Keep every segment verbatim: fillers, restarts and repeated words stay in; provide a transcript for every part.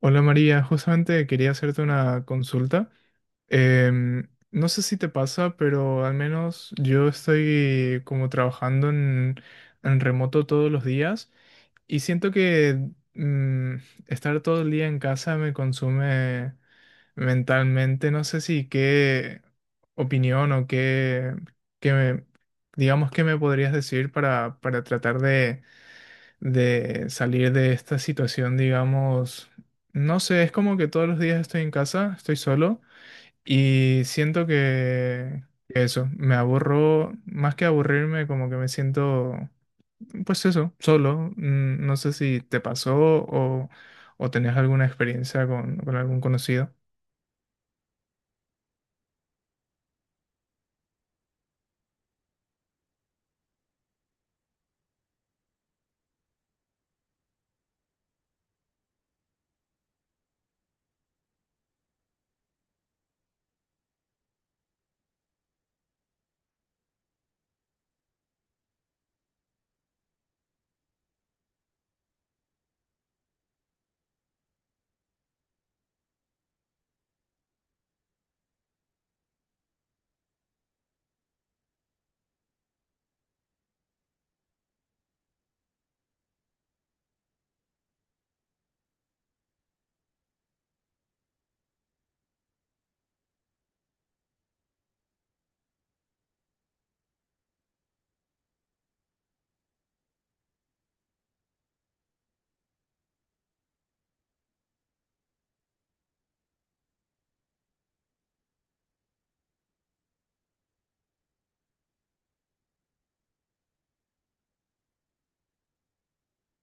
Hola María, justamente quería hacerte una consulta. Em, no sé si te pasa, pero al menos yo estoy como trabajando en, en remoto todos los días y siento que mm, estar todo el día en casa me consume mentalmente. No sé si qué opinión o qué, qué me- digamos, qué me podrías decir para, para tratar de de salir de esta situación, digamos, no sé, es como que todos los días estoy en casa, estoy solo y siento que que eso, me aburro, más que aburrirme, como que me siento, pues eso, solo. Mm, No sé si te pasó o, o tenés alguna experiencia con, con algún conocido.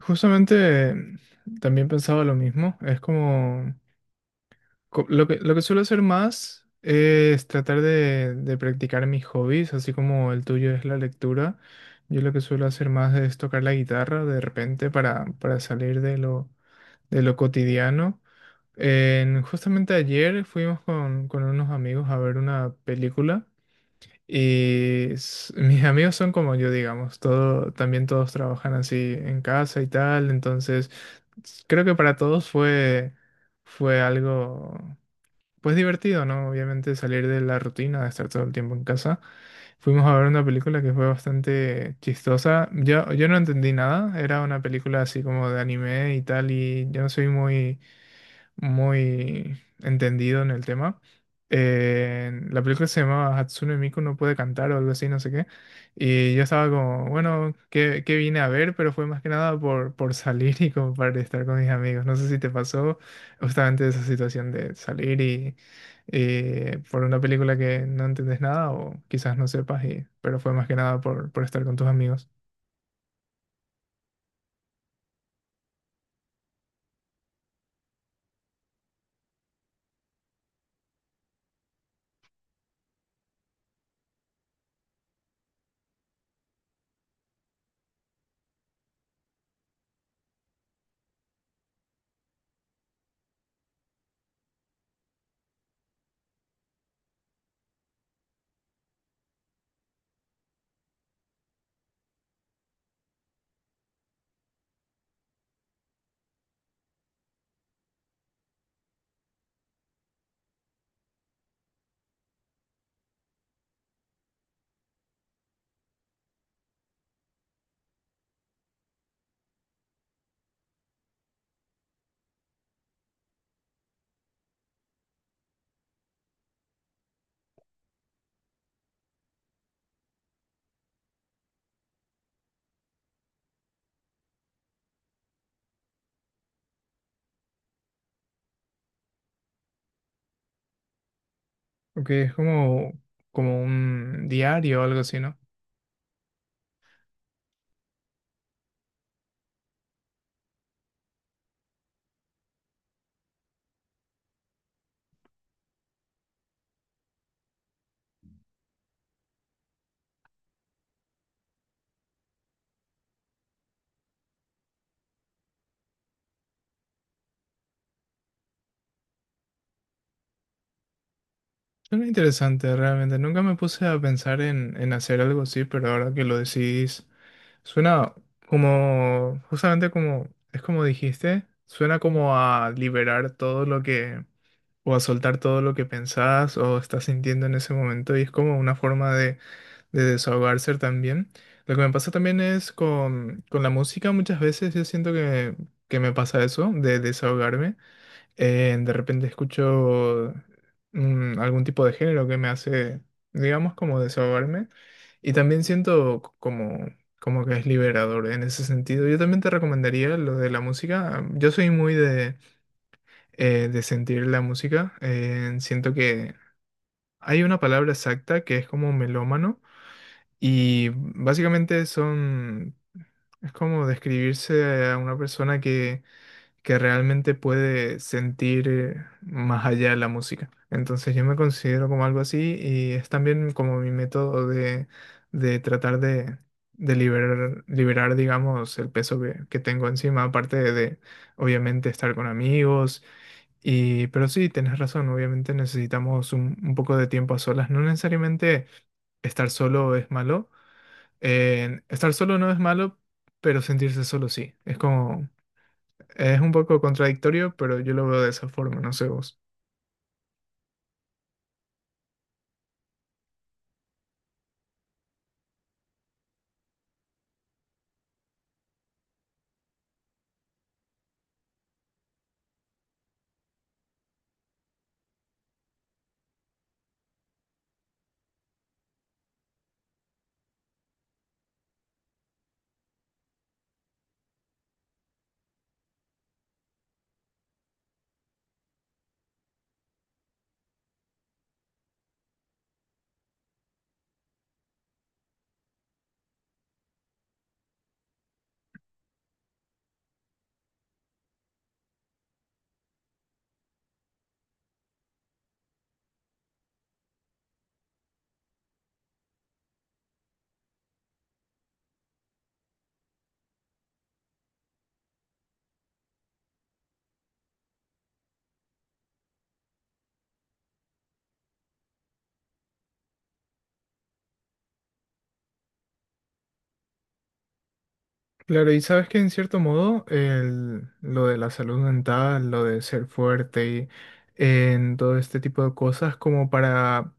Justamente también pensaba lo mismo, es como... Co- Lo que, lo que suelo hacer más es tratar de, de practicar mis hobbies, así como el tuyo es la lectura. Yo lo que suelo hacer más es tocar la guitarra de repente para, para salir de lo, de lo cotidiano. En- justamente ayer fuimos con, con unos amigos a ver una película y s- mis amigos son como yo, digamos, todo, también todos trabajan así en casa y tal, entonces s- creo que para todos fue, fue algo. Pues divertido, ¿no? Obviamente salir de la rutina de estar todo el tiempo en casa. Fuimos a ver una película que fue bastante chistosa. Yo, yo no entendí nada, era una película así como de anime y tal, y yo no soy muy muy entendido en el tema. Eh, la película se llamaba Hatsune Miku no puede cantar o algo así, no sé qué. Y yo estaba como, bueno, ¿qué, qué vine a ver? Pero fue más que nada por, por salir y como para estar con mis amigos. No sé si te pasó justamente esa situación de salir y, y por una película que no entendés nada o quizás no sepas, y, pero fue más que nada por, por estar con tus amigos. Porque es como, como un diario o algo así, ¿no? Suena interesante, realmente. Nunca me puse a pensar en, en hacer algo así, pero ahora que lo decís, suena como, justamente como, es como dijiste, suena como a liberar todo lo que, o a soltar todo lo que pensás o estás sintiendo en ese momento, y es como una forma de, de desahogarse también. Lo que me pasa también es con, con la música, muchas veces yo siento que, que me pasa eso, de desahogarme. Eh, de repente escucho mm, algún tipo de género que me hace, digamos, como desahogarme. Y también siento c- como, como que es liberador en ese sentido. Yo también te recomendaría lo de la música. Mm, Yo soy muy de, eh, de sentir la música. Eh, siento que hay una palabra exacta que es como melómano. Y básicamente son... Es como describirse a una persona que que realmente puede sentir eh, más allá de la música. Entonces yo me considero como algo así y es también como mi método de, de tratar de, de liberar, liberar, digamos, el peso que, que tengo encima, aparte de, de, obviamente, estar con amigos. Y, pero sí, tenés razón, obviamente necesitamos un, un poco de tiempo a solas. No necesariamente estar solo es malo. Eh, estar solo no es malo, pero sentirse solo sí. Es como es un poco contradictorio, pero yo lo veo de esa forma, no sé vos. Claro, y sabes que en cierto modo el- lo de la salud mental, lo de ser fuerte y en todo este tipo de cosas, como para,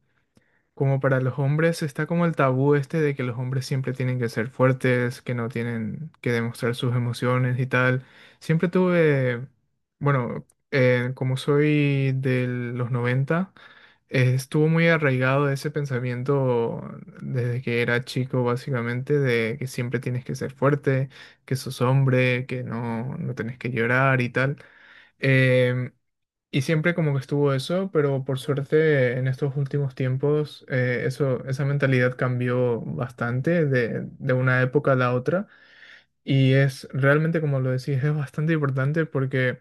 como para los hombres, está como el tabú este de que los hombres siempre tienen que ser fuertes, que no tienen que demostrar sus emociones y tal. Siempre tuve, bueno, eh, como soy de los noventa eh, estuvo muy arraigado ese pensamiento desde que era chico, básicamente, de que siempre tienes que ser fuerte, que sos hombre, que no, no tenés que llorar y tal. Em, y siempre como que estuvo eso, pero por suerte en estos últimos tiempos eh, eso, esa mentalidad cambió bastante de, de una época a la otra. Y es realmente, como lo decís, es bastante importante porque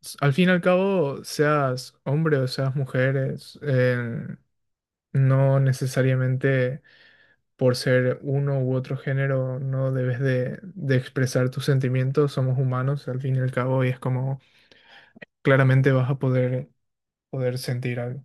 s- al fin y al cabo, seas hombre o seas mujer, es, em, no necesariamente por ser uno u otro género no debes de, de expresar tus sentimientos, somos humanos al fin y al cabo y es como claramente vas a poder, poder sentir algo.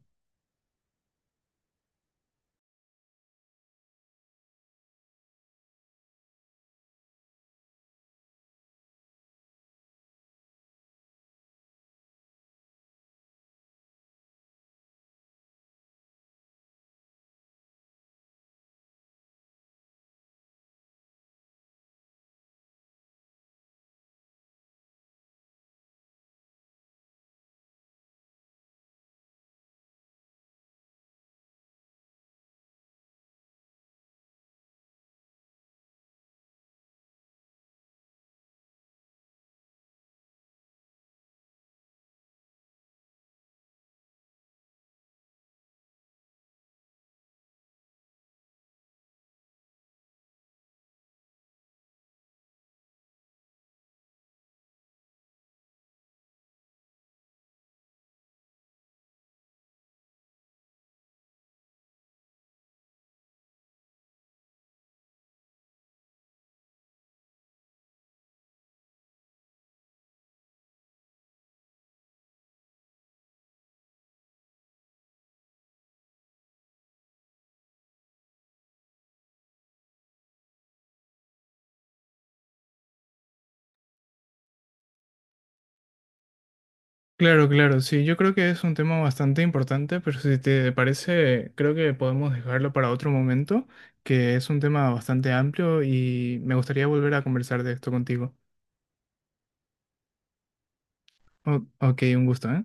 Claro, claro, sí, yo creo que es un tema bastante importante, pero si te parece, creo que podemos dejarlo para otro momento, que es un tema bastante amplio y me gustaría volver a conversar de esto contigo. O- ok, un gusto, ¿eh?